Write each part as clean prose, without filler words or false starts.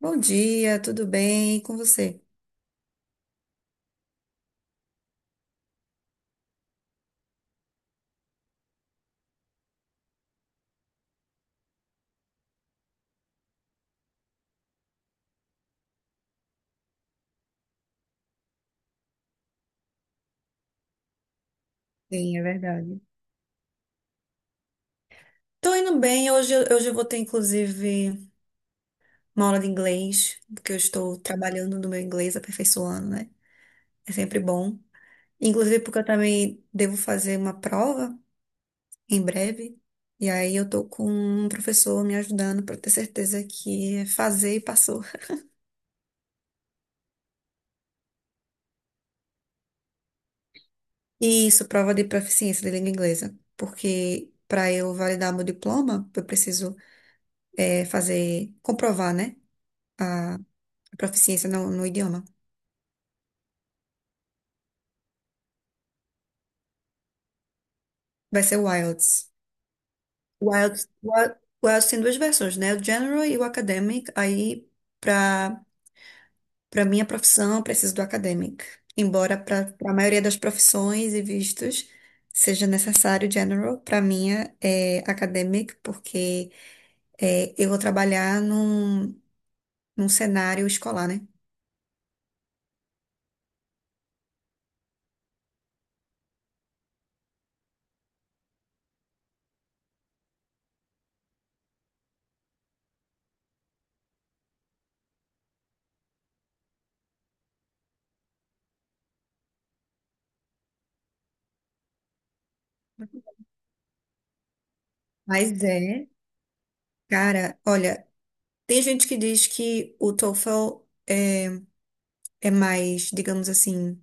Bom dia, tudo bem? E com você? Sim, é verdade. Tô indo bem. Hoje, hoje eu vou ter, inclusive, uma aula de inglês, porque eu estou trabalhando no meu inglês, aperfeiçoando, né? É sempre bom. Inclusive, porque eu também devo fazer uma prova em breve. E aí eu tô com um professor me ajudando para ter certeza que fazer e passou. E isso, prova de proficiência de língua inglesa. Porque para eu validar meu diploma, eu preciso fazer, comprovar, né? Proficiência no idioma. Vai ser o IELTS. O IELTS, o IELTS tem duas versões, né? O General e o Academic. Aí, para para minha profissão, eu preciso do Academic. Embora para a maioria das profissões e vistos seja necessário o General, para minha é Academic, porque eu vou trabalhar num cenário escolar, né? Mas é, cara, olha, tem gente que diz que o TOEFL é, é mais, digamos assim,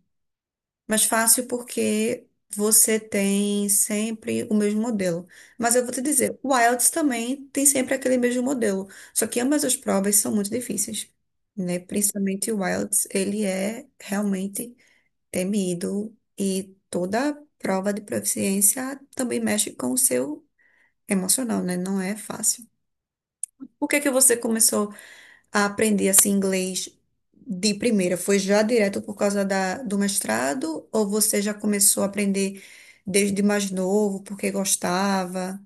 mas fácil porque você tem sempre o mesmo modelo. Mas eu vou te dizer, o IELTS também tem sempre aquele mesmo modelo. Só que ambas as provas são muito difíceis, né? Principalmente o IELTS, ele é realmente temido e toda prova de proficiência também mexe com o seu emocional, né? Não é fácil. Por que que você começou a aprender assim inglês de primeira? Foi já direto por causa do mestrado, ou você já começou a aprender desde mais novo porque gostava?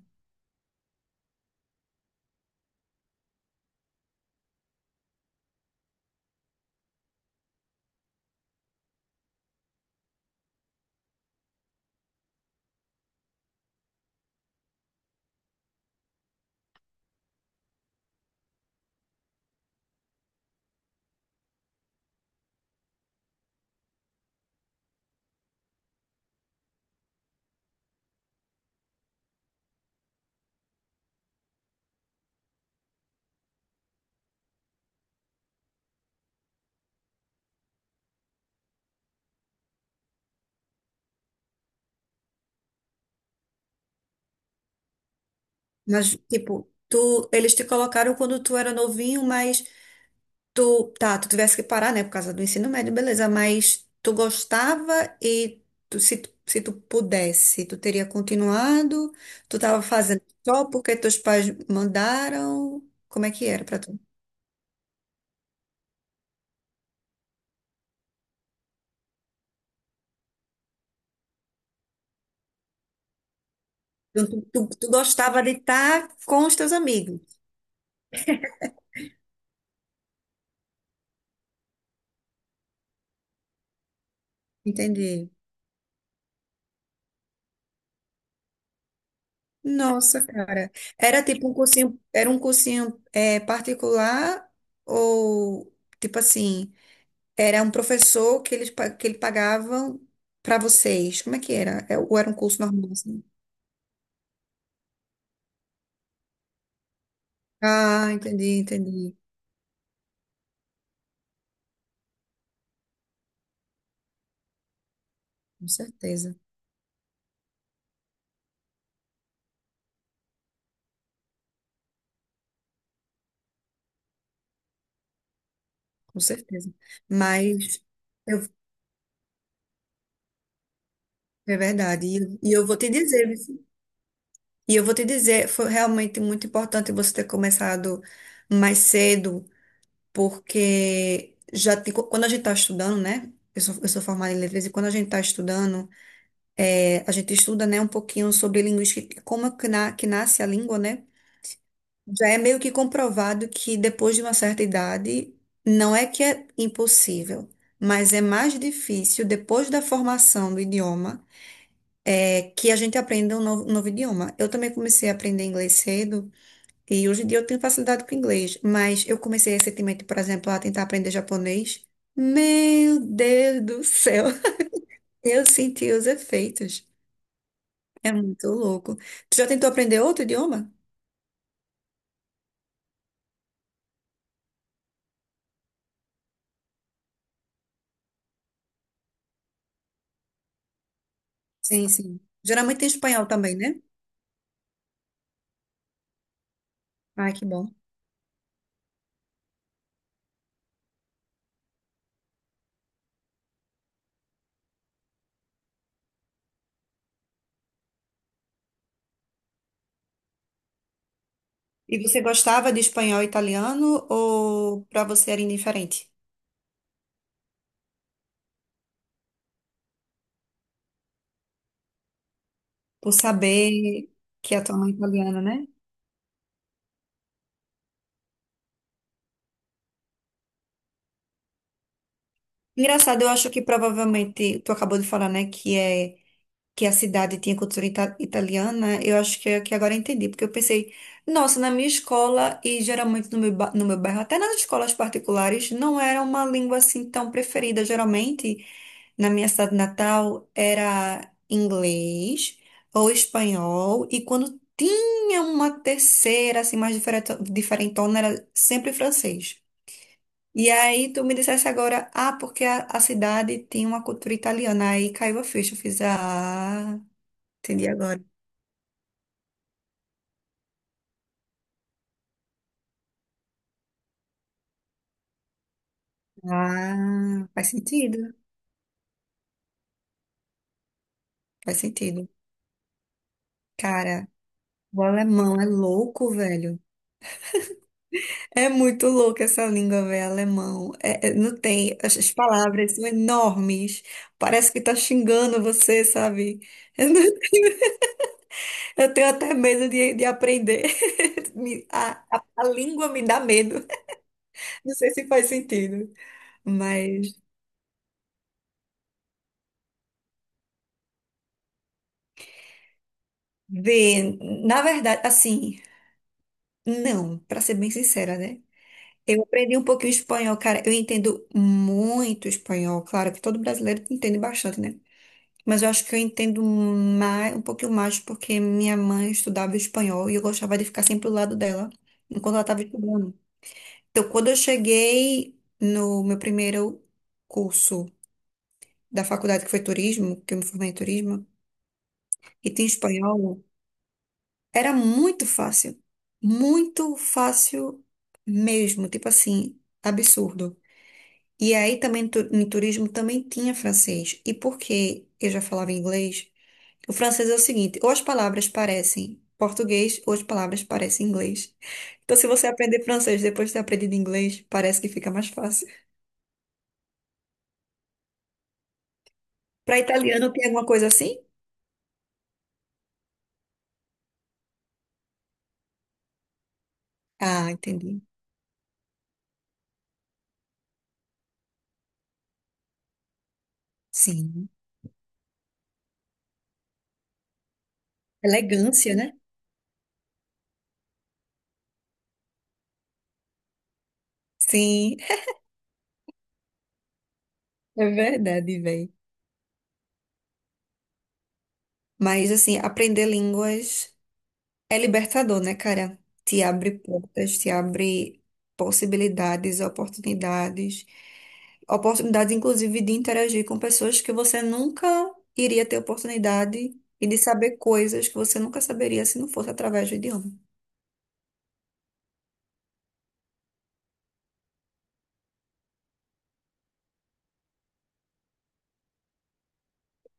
Mas tipo, tu eles te colocaram quando tu era novinho, mas tu, tá, tu tivesse que parar, né, por causa do ensino médio, beleza, mas tu gostava e se tu pudesse, tu teria continuado? Tu tava fazendo só porque teus pais mandaram? Como é que era para tu? Então, tu gostava de estar com os teus amigos. Entendi. Nossa, cara. Era tipo um cursinho, era um cursinho é, particular, ou tipo assim, era um professor que que ele pagavam para vocês. Como é que era? É, ou era um curso normal assim? Ah, entendi, entendi. Com certeza, com certeza. Mas eu- é verdade. E eu vou te dizer, foi realmente muito importante você ter começado mais cedo porque quando a gente está estudando, né? Eu sou formada em letras e quando a gente está estudando, a gente estuda, né, um pouquinho sobre linguística, e como é que, que nasce a língua, né? Já é meio que comprovado que depois de uma certa idade, não é que é impossível, mas é mais difícil depois da formação do idioma, é que a gente aprenda um novo idioma. Eu também comecei a aprender inglês cedo. E hoje em dia eu tenho facilidade com inglês, mas eu comecei recentemente, por exemplo, a tentar aprender japonês. Meu Deus do céu, eu senti os efeitos. É muito louco. Tu já tentou aprender outro idioma? Sim, sim. Geralmente tem espanhol também, né? Ai, que bom. E você gostava de espanhol e italiano, ou para você era indiferente? Por saber que a tua mãe é italiana, né? Engraçado, eu acho que provavelmente tu acabou de falar, né, que a cidade tinha cultura italiana, eu acho que agora eu entendi, porque eu pensei, nossa, na minha escola e geralmente no meu, no meu bairro, até nas escolas particulares, não era uma língua assim tão preferida. Geralmente, na minha cidade natal, era inglês ou espanhol, e quando tinha uma terceira, assim, mais diferente, diferentona, era sempre francês. E aí tu me dissesse agora, ah, porque a cidade tinha uma cultura italiana, aí caiu a ficha, eu fiz, ah... Entendi agora. Ah, faz sentido. Faz sentido. Cara, o alemão é louco, velho. É muito louco essa língua, velho, alemão. Não tem. As palavras são enormes. Parece que tá xingando você, sabe? Eu, não tenho, eu tenho até medo de aprender. A língua me dá medo. Não sei se faz sentido. Mas, vê, na verdade, assim, não, pra ser bem sincera, né? Eu aprendi um pouquinho espanhol, cara. Eu entendo muito espanhol. Claro que todo brasileiro entende bastante, né? Mas eu acho que eu entendo mais, um pouquinho mais porque minha mãe estudava espanhol e eu gostava de ficar sempre do lado dela enquanto ela estava estudando. Então, quando eu cheguei no meu primeiro curso da faculdade, que foi turismo, que eu me formei em turismo, e tinha espanhol, era muito fácil. Muito fácil mesmo. Tipo assim, absurdo. E aí também em turismo também tinha francês. E porque eu já falava inglês, o francês é o seguinte, ou as palavras parecem português, ou as palavras parecem inglês. Então, se você aprender francês depois de ter aprendido inglês, parece que fica mais fácil. Para italiano, tem alguma coisa assim? Ah, entendi. Sim. Elegância, né? Sim, é verdade, velho. Mas, assim, aprender línguas. É libertador, né, cara? Te abre portas, te abre possibilidades, oportunidades, oportunidades, inclusive, de interagir com pessoas que você nunca iria ter oportunidade e de saber coisas que você nunca saberia se não fosse através do idioma.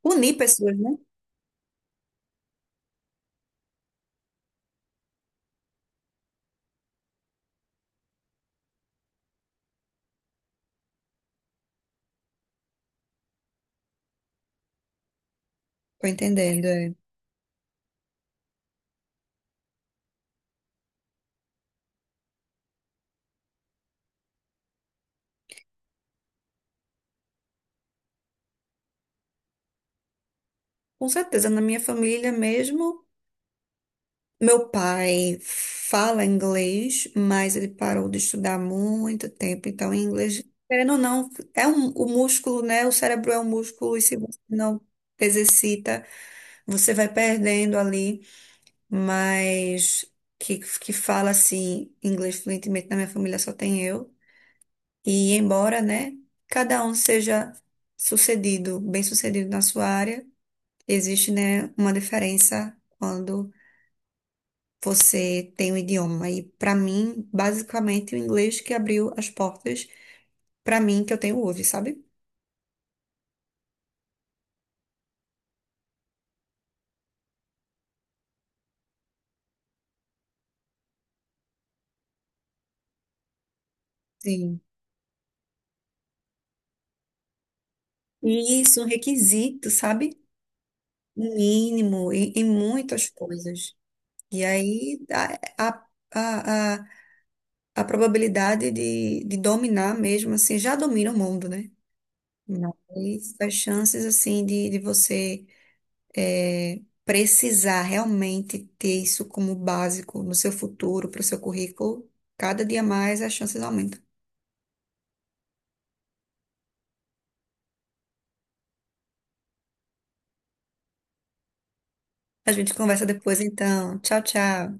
Unir pessoas, né? Tô entendendo, é. Com certeza, na minha família mesmo. Meu pai fala inglês, mas ele parou de estudar há muito tempo. Então, em inglês, querendo ou não, é um, o músculo, né? O cérebro é um músculo, e se você não exercita, você vai perdendo ali. Mas que fala assim, inglês fluentemente na minha família só tem eu. E embora, né, cada um seja sucedido, bem-sucedido na sua área, existe, né, uma diferença quando você tem um idioma. E pra mim, basicamente, o inglês que abriu as portas pra mim que eu tenho hoje, sabe? Sim. E isso é um requisito, sabe? Mínimo em, em muitas coisas. E aí a, a, a probabilidade de dominar mesmo, assim, já domina o mundo, né? Mas as chances, assim, de você é, precisar realmente ter isso como básico no seu futuro, para o seu currículo, cada dia mais as chances aumentam. A gente conversa depois, então. Tchau, tchau.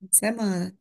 Boa semana.